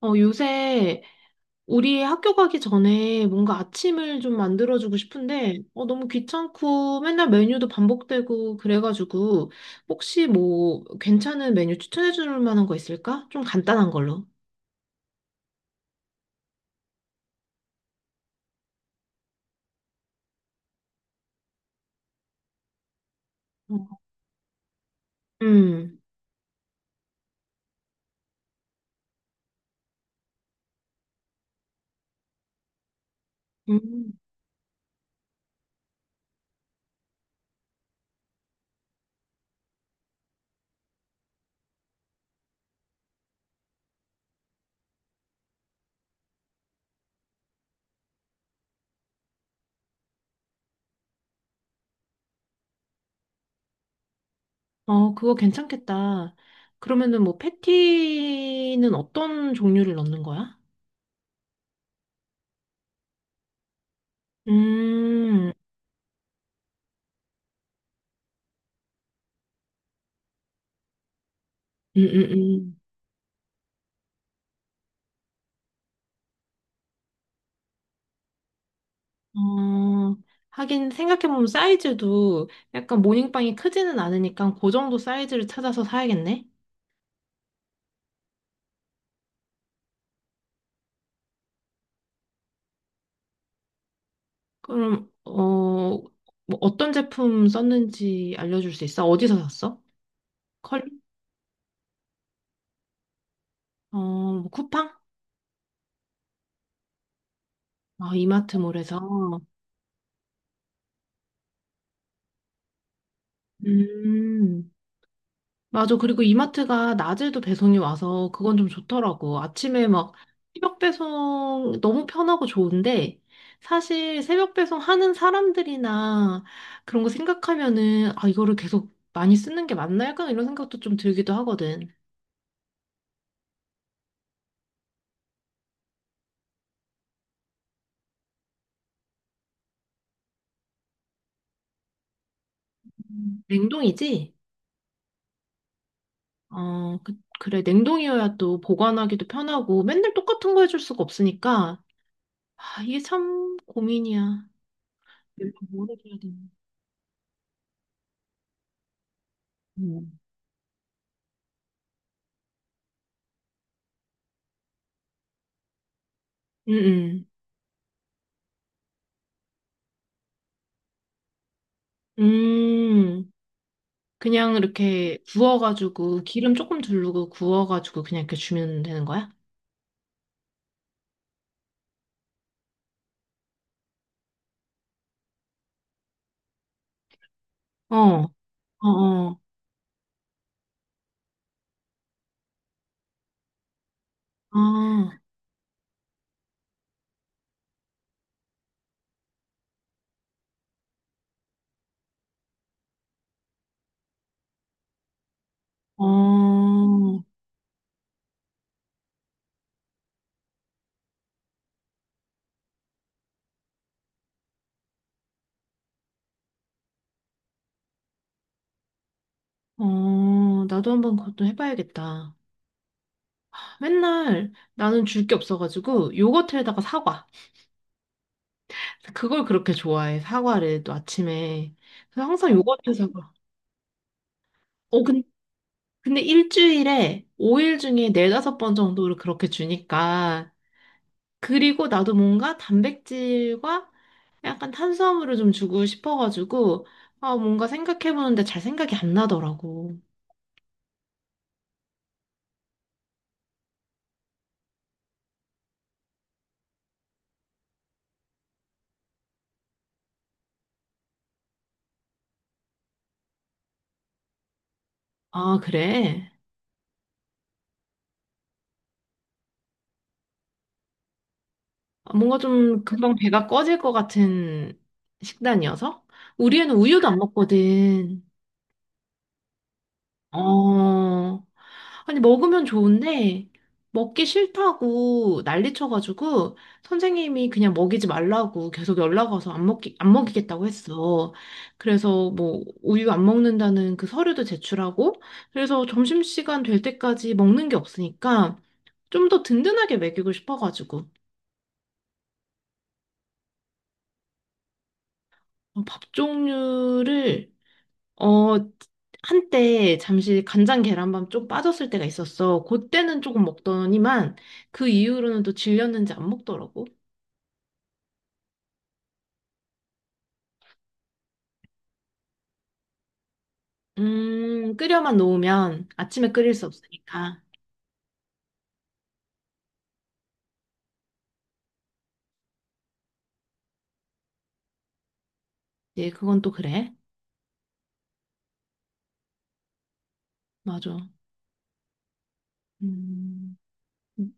어, 요새 우리 학교 가기 전에 뭔가 아침을 좀 만들어주고 싶은데, 어, 너무 귀찮고 맨날 메뉴도 반복되고 그래가지고, 혹시 뭐 괜찮은 메뉴 추천해줄 만한 거 있을까? 좀 간단한 걸로. 어. 음, 음, 어, 그거 괜찮겠다. 그러면은 뭐 패티는 어떤 종류를 넣는 거야? 음, 음, 음, 음. 어, 하긴 생각해보면 사이즈도 약간 모닝빵이 크지는 않으니까 그 정도 사이즈를 찾아서 사야겠네? 그럼, 어, 뭐 어떤 제품 썼는지 알려줄 수 있어? 어디서 샀어? 컬, 어, 뭐 쿠팡? 아, 이마트몰에서. 음. 맞아. 그리고 이마트가 낮에도 배송이 와서 그건 좀 좋더라고. 아침에 막 새벽 배송 너무 편하고 좋은데 사실 새벽 배송 하는 사람들이나 그런 거 생각하면은 아, 이거를 계속 많이 쓰는 게 맞나 약간 이런 생각도 좀 들기도 하거든. 음. 냉동이지? 어, 그래. 냉동이어야 또 보관하기도 편하고 맨날 똑같은 거 해줄 수가 없으니까 아, 이게 참 고민이야. 이래서 뭐를 해야 되나? 음. 음 음. 그냥 이렇게 구워가지고 기름 조금 두르고 구워가지고 그냥 이렇게 주면 되는 거야? 어, 어, 어, 아, 어, 어, 나도 한번 그것도 해봐야겠다. 맨날 나는 줄 게 없어가지고 요거트에다가 사과. 그걸 그렇게 좋아해, 사과를 또 아침에. 그래서 항상 요거트 사과. 어, 근데 일주일에 5일 중에 네다섯 번 정도를 그렇게 주니까. 그리고 나도 뭔가 단백질과 약간 탄수화물을 좀 주고 싶어가지고, 아, 뭔가 생각해보는데 잘 생각이 안 나더라고. 아, 그래? 뭔가 좀 금방 배가 꺼질 것 같은 식단이어서? 우리 애는 우유도 안 먹거든. 어, 아니, 먹으면 좋은데, 먹기 싫다고 난리 쳐가지고, 선생님이 그냥 먹이지 말라고 계속 연락 와서 안 먹이겠다고 했어. 그래서 뭐, 우유 안 먹는다는 그 서류도 제출하고, 그래서 점심시간 될 때까지 먹는 게 없으니까, 좀 더 든든하게 먹이고 싶어가지고, 어, 밥 종류를 어, 한때 잠시 간장 계란밥 좀 빠졌을 때가 있었어. 그때는 조금 먹더니만 그 이후로는 또 질렸는지 안 먹더라고. 끓여만 놓으면 아침에 끓일 수 없으니까. 예, 그건 또 그래. 맞아. 음, 음,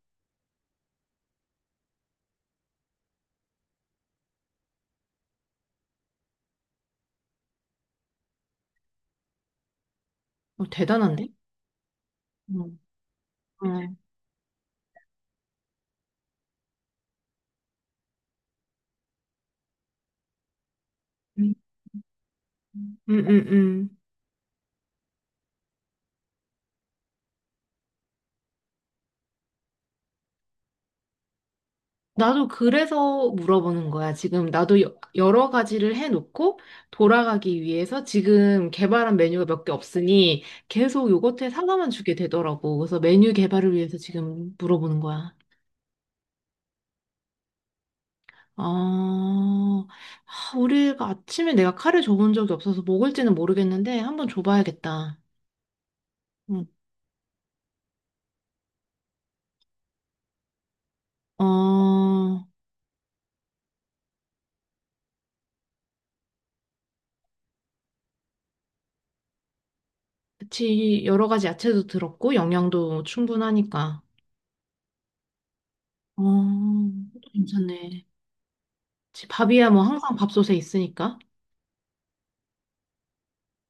어, 대단한데? 응. 응, 응, 응. 나도 그래서 물어보는 거야. 지금 나도 여러 가지를 해놓고 돌아가기 위해서 지금 개발한 메뉴가 몇 개 없으니 계속 요거트에 사과만 주게 되더라고. 그래서 메뉴 개발을 위해서 지금 물어보는 거야. 아, 아, 우리가 아침에 내가 카레 줘본 적이 없어서 먹을지는 모르겠는데 한번 줘봐야겠다. 응. 어, 그치. 여러 가지 야채도 들었고 영양도 충분하니까. 어, 괜찮네. 그치, 밥이야 뭐 항상 밥솥에 있으니까.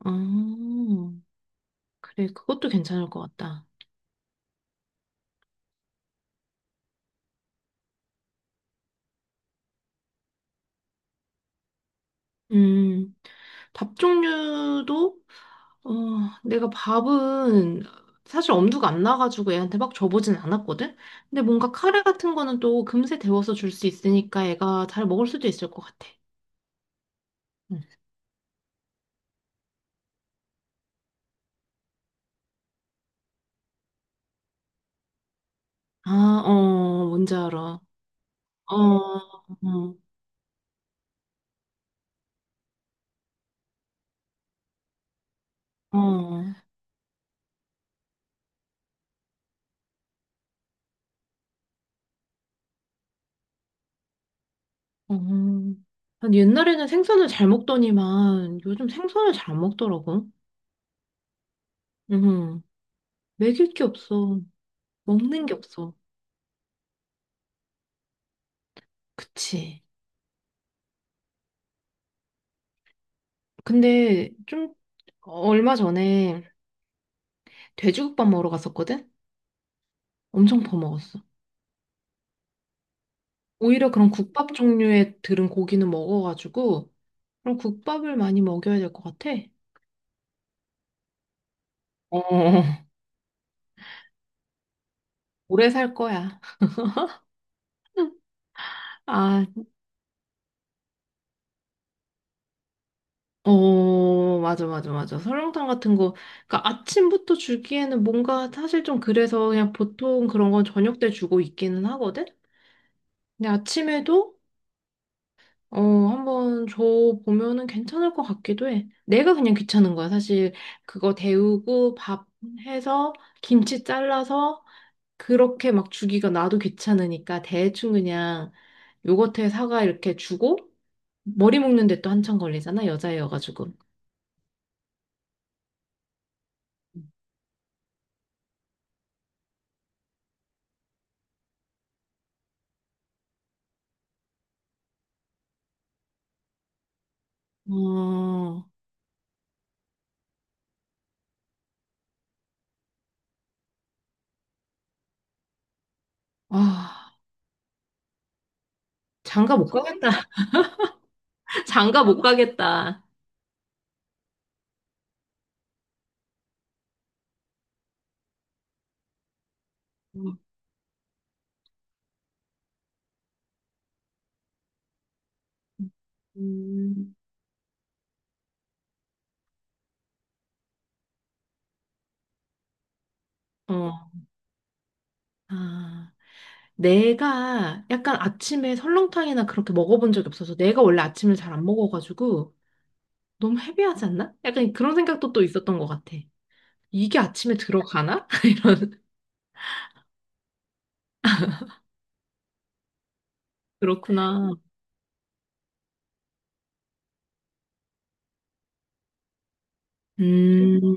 아, 그래, 그것도 괜찮을 것 같다. 음, 밥 종류도, 어, 내가 밥은 사실 엄두가 안 나가지고 애한테 막 줘보진 않았거든? 근데 뭔가 카레 같은 거는 또 금세 데워서 줄 수 있으니까 애가 잘 먹을 수도 있을 것 같아. 응. 아, 어, 뭔지 알아. 어, 어, 어. 어. 아니, 옛날에는 생선을 잘 먹더니만 요즘 생선을 잘 안 먹더라고. 음, 먹일 게 없어. 먹는 게 없어. 그치. 근데 좀 얼마 전에 돼지국밥 먹으러 갔었거든? 엄청 퍼먹었어. 오히려 그런 국밥 종류의 들은 고기는 먹어가지고 그런 국밥을 많이 먹여야 될 것 같아. 어, 오래 살 거야. 아, 어, 맞아, 맞아, 맞아. 설렁탕 같은 거. 그러니까 아침부터 주기에는 뭔가 사실 좀 그래서 그냥 보통 그런 건 저녁 때 주고 있기는 하거든? 근데 아침에도 어, 한번 줘 보면은 괜찮을 것 같기도 해. 내가 그냥 귀찮은 거야. 사실 그거 데우고 밥 해서 김치 잘라서 그렇게 막 주기가 나도 귀찮으니까 대충 그냥 요거트에 사과 이렇게 주고 머리 묶는데 또 한참 걸리잖아. 여자애여가지고. 어, 아, 장가 못 가겠다. 장가 못 가겠다. 음. 어, 아. 내가 약간 아침에 설렁탕이나 그렇게 먹어본 적이 없어서 내가 원래 아침을 잘 안 먹어가지고 너무 헤비하지 않나? 약간 그런 생각도 또 있었던 것 같아. 이게 아침에 들어가나? 이런, 그렇구나. 음,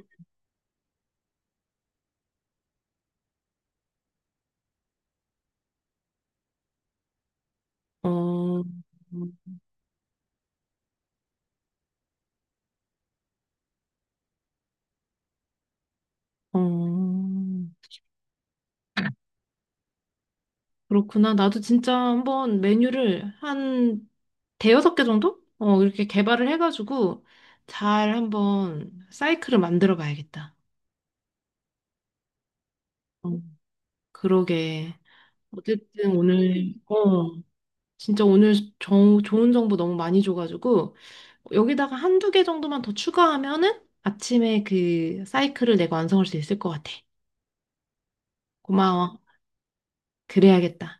어, 어, 그렇구나. 나도 진짜 한번 메뉴를 한 대여섯 개 정도? 어, 이렇게 개발을 해가지고 잘 한번 사이클을 만들어 봐야겠다. 어, 그러게. 어쨌든 오늘, 어, 진짜 오늘 좋은 정보 너무 많이 줘가지고 여기다가 한두 개 정도만 더 추가하면은 아침에 그 사이클을 내가 완성할 수 있을 것 같아. 고마워. 그래야겠다.